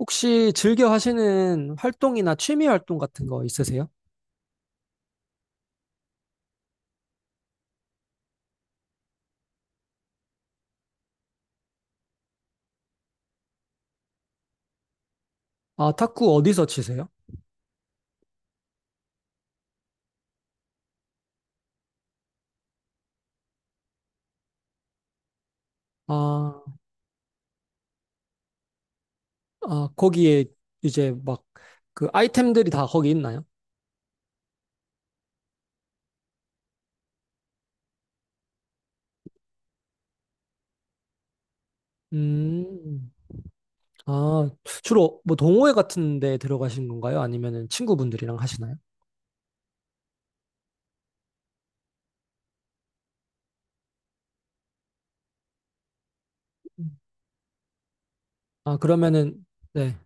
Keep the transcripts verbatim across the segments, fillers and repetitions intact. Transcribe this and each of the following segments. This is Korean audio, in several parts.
혹시 즐겨 하시는 활동이나 취미 활동 같은 거 있으세요? 아, 탁구 어디서 치세요? 아, 아, 거기에 이제 막 그 아이템들이 다 거기 있나요? 음, 아, 주로 뭐 동호회 같은 데 들어가신 건가요? 아니면은 친구분들이랑 하시나요? 아, 그러면은, 네.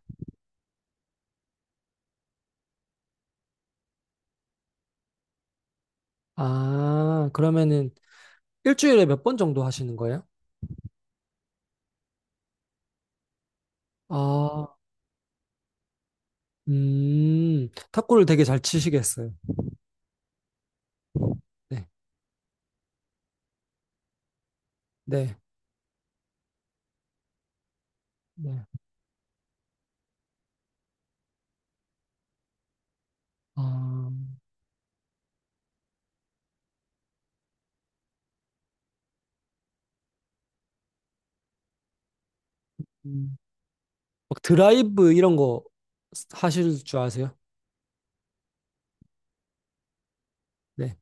아, 그러면은 일주일에 몇 번 정도 하시는 거예요? 아, 음, 탁구를 되게 잘 치시겠어요. 네, 네, 네. 아, 음. 막 드라이브 이런 거 하실 줄 아세요? 네.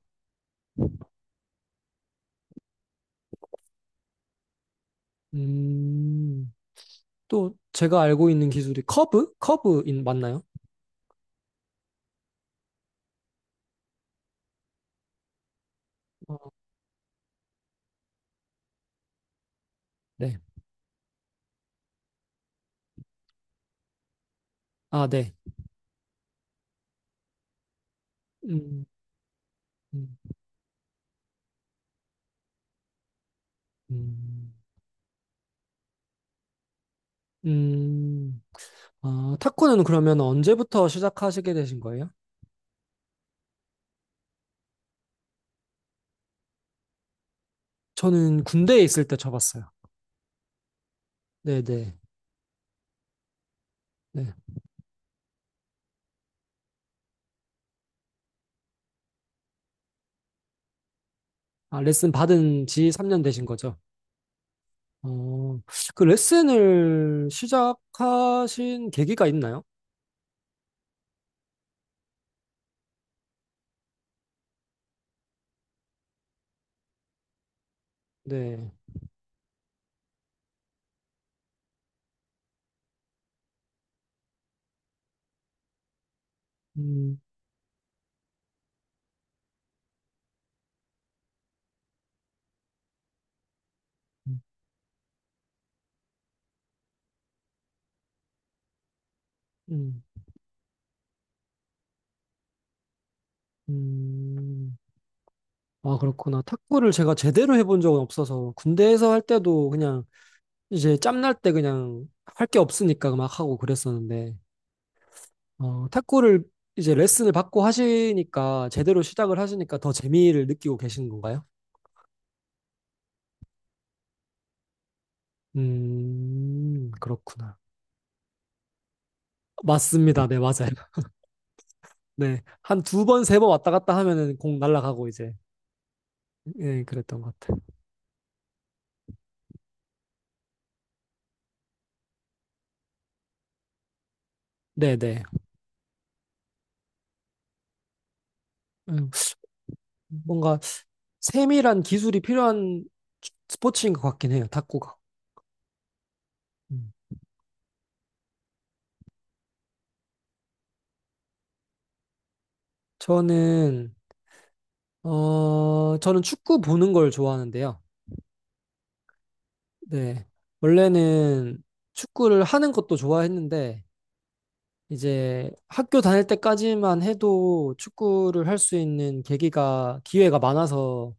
음, 또 제가 알고 있는 기술이 커브? 커브인 맞나요? 네. 아, 네. 음, 음, 음, 음. 아, 탁구는 그러면 언제부터 시작하시게 되신 거예요? 저는 군대에 있을 때 쳐봤어요. 네, 네. 네. 아, 레슨 받은 지 삼 년 되신 거죠? 어, 그 레슨을 시작하신 계기가 있나요? 네. 음, 음. 음. 음, 아, 그렇구나. 탁구를 제가 제대로 해본 적은 없어서, 군대에서 할 때도 그냥, 이제 짬날 때 그냥 할 게 없으니까 막 하고 그랬었는데, 어, 탁구를 이제 레슨을 받고 하시니까, 제대로 시작을 하시니까 더 재미를 느끼고 계시는 건가요? 음, 그렇구나. 맞습니다. 네, 맞아요. 네. 한 두 번, 세 번 왔다 갔다 하면은 공 날아가고 이제, 예, 그랬던 것 같아요. 네네. 뭔가 세밀한 기술이 필요한 스포츠인 것 같긴 해요, 탁구가. 음. 저는, 어, 저는 축구 보는 걸 좋아하는데요. 네. 원래는 축구를 하는 것도 좋아했는데, 이제 학교 다닐 때까지만 해도 축구를 할 수 있는 계기가, 기회가 많아서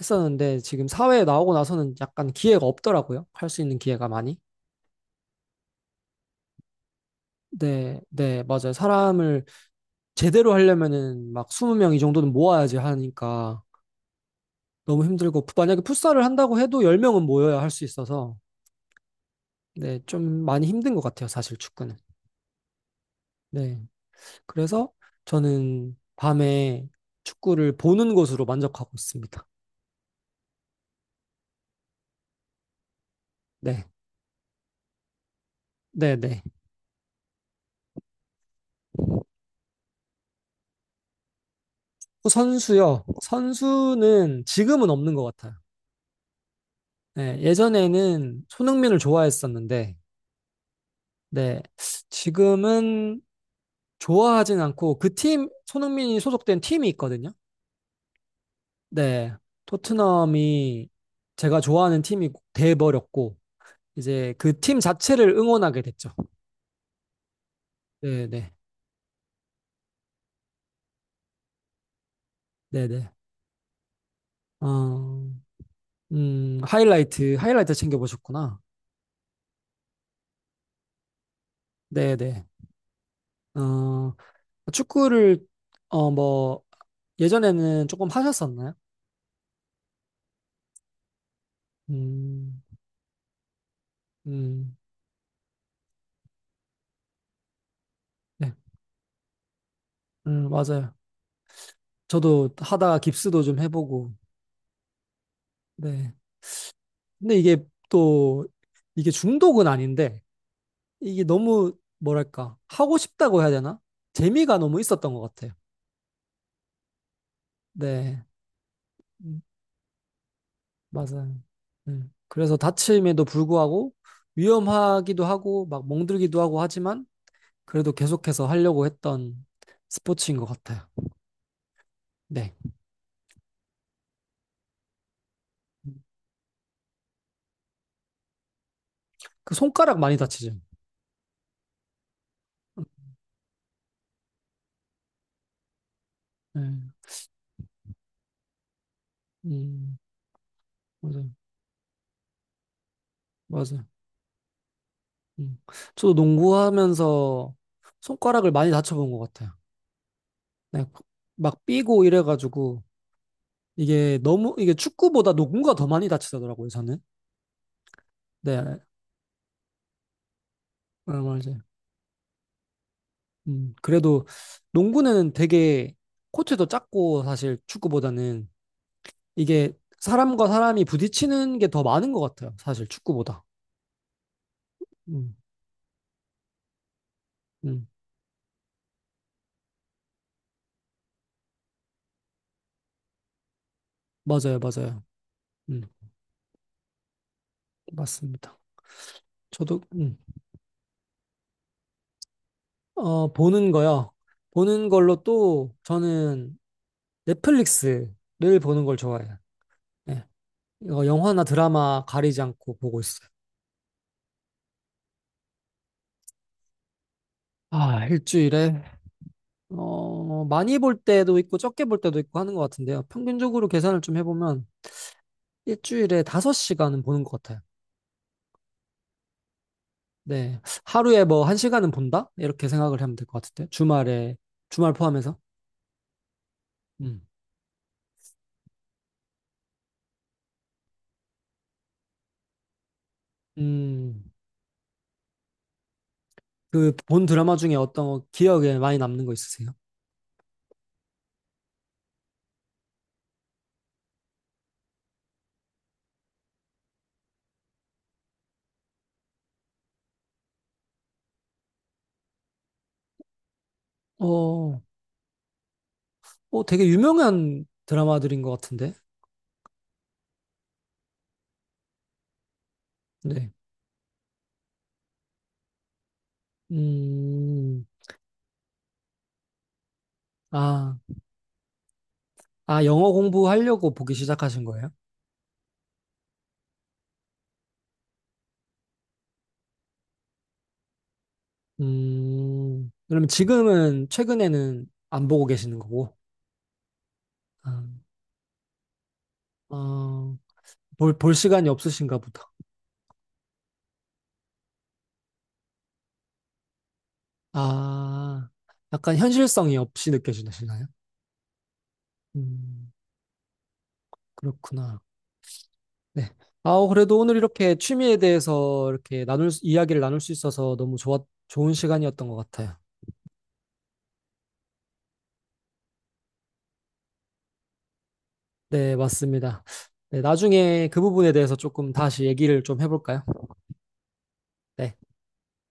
했었는데, 지금 사회에 나오고 나서는 약간 기회가 없더라고요. 할 수 있는 기회가 많이. 네, 네, 맞아요. 사람을 제대로 하려면은 막 이십 명 이 정도는 모아야지 하니까 너무 힘들고 만약에 풋살을 한다고 해도 십 명은 모여야 할 수 있어서 네, 좀 많이 힘든 것 같아요, 사실 축구는. 네. 그래서 저는 밤에 축구를 보는 것으로 만족하고 있습니다. 네. 네, 네. 그 선수요. 선수는 지금은 없는 것 같아요. 네, 예전에는 손흥민을 좋아했었는데 네. 지금은 좋아하진 않고 그 팀, 손흥민이 소속된 팀이 있거든요. 네, 토트넘이 제가 좋아하는 팀이 돼버렸고, 이제 그 팀 자체를 응원하게 됐죠. 네네, 네네. 어, 음, 하이라이트, 하이라이트 챙겨보셨구나. 네네. 어, 축구를, 어, 뭐, 예전에는 조금 하셨었나요? 음, 음, 네, 음, 맞아요. 저도 하다가 깁스도 좀 해보고, 네. 근데 이게 또, 이게 중독은 아닌데, 이게 너무 뭐랄까 하고 싶다고 해야 되나? 재미가 너무 있었던 것 같아요. 네, 음, 맞아요. 음, 그래서 다침에도 불구하고 위험하기도 하고 막 멍들기도 하고 하지만 그래도 계속해서 하려고 했던 스포츠인 것 같아요. 네, 음, 그 손가락 많이 다치죠. 네, 음, 맞아요, 맞아요. 음. 저도 농구하면서 손가락을 많이 다쳐본 것 같아요. 네, 막 삐고 이래가지고. 이게 너무 이게 축구보다 농구가 더 많이 다치더라고요, 저는. 네, 얼맞아요 음, 그래도 농구는 되게 코트도 작고 사실 축구보다는 이게 사람과 사람이 부딪히는 게 더 많은 것 같아요, 사실 축구보다. 음, 음, 맞아요, 맞아요. 음, 맞습니다. 저도 음, 어, 보는 거요. 보는 걸로 또 저는 넷플릭스를 보는 걸 좋아해요. 네, 이거 영화나 드라마 가리지 않고 보고 있어요. 아, 일주일에 어, 많이 볼 때도 있고 적게 볼 때도 있고 하는 것 같은데요. 평균적으로 계산을 좀 해보면 일주일에 다섯 시간은 보는 것 같아요. 네. 하루에 뭐 한 시간은 본다? 이렇게 생각을 하면 될 것 같은데. 주말에, 주말 포함해서. 음. 음, 그 본 드라마 중에 어떤 기억에 많이 남는 거 있으세요? 어, 어, 되게 유명한 드라마들인 것 같은데. 네. 음, 아, 아, 영어 공부하려고 보기 시작하신 거예요? 음, 그러면 지금은 최근에는 안 보고 계시는 거고, 아, 어, 볼, 볼 시간이 없으신가 보다. 아, 약간 현실성이 없이 느껴지시나요? 음, 그렇구나. 네. 아우, 그래도 오늘 이렇게 취미에 대해서 이렇게 나눌, 수- 이야기를 나눌 수 있어서 너무 좋았, 좋은 시간이었던 것 같아요. 네, 맞습니다. 네, 나중에 그 부분에 대해서 조금 다시 얘기를 좀 해볼까요? 네.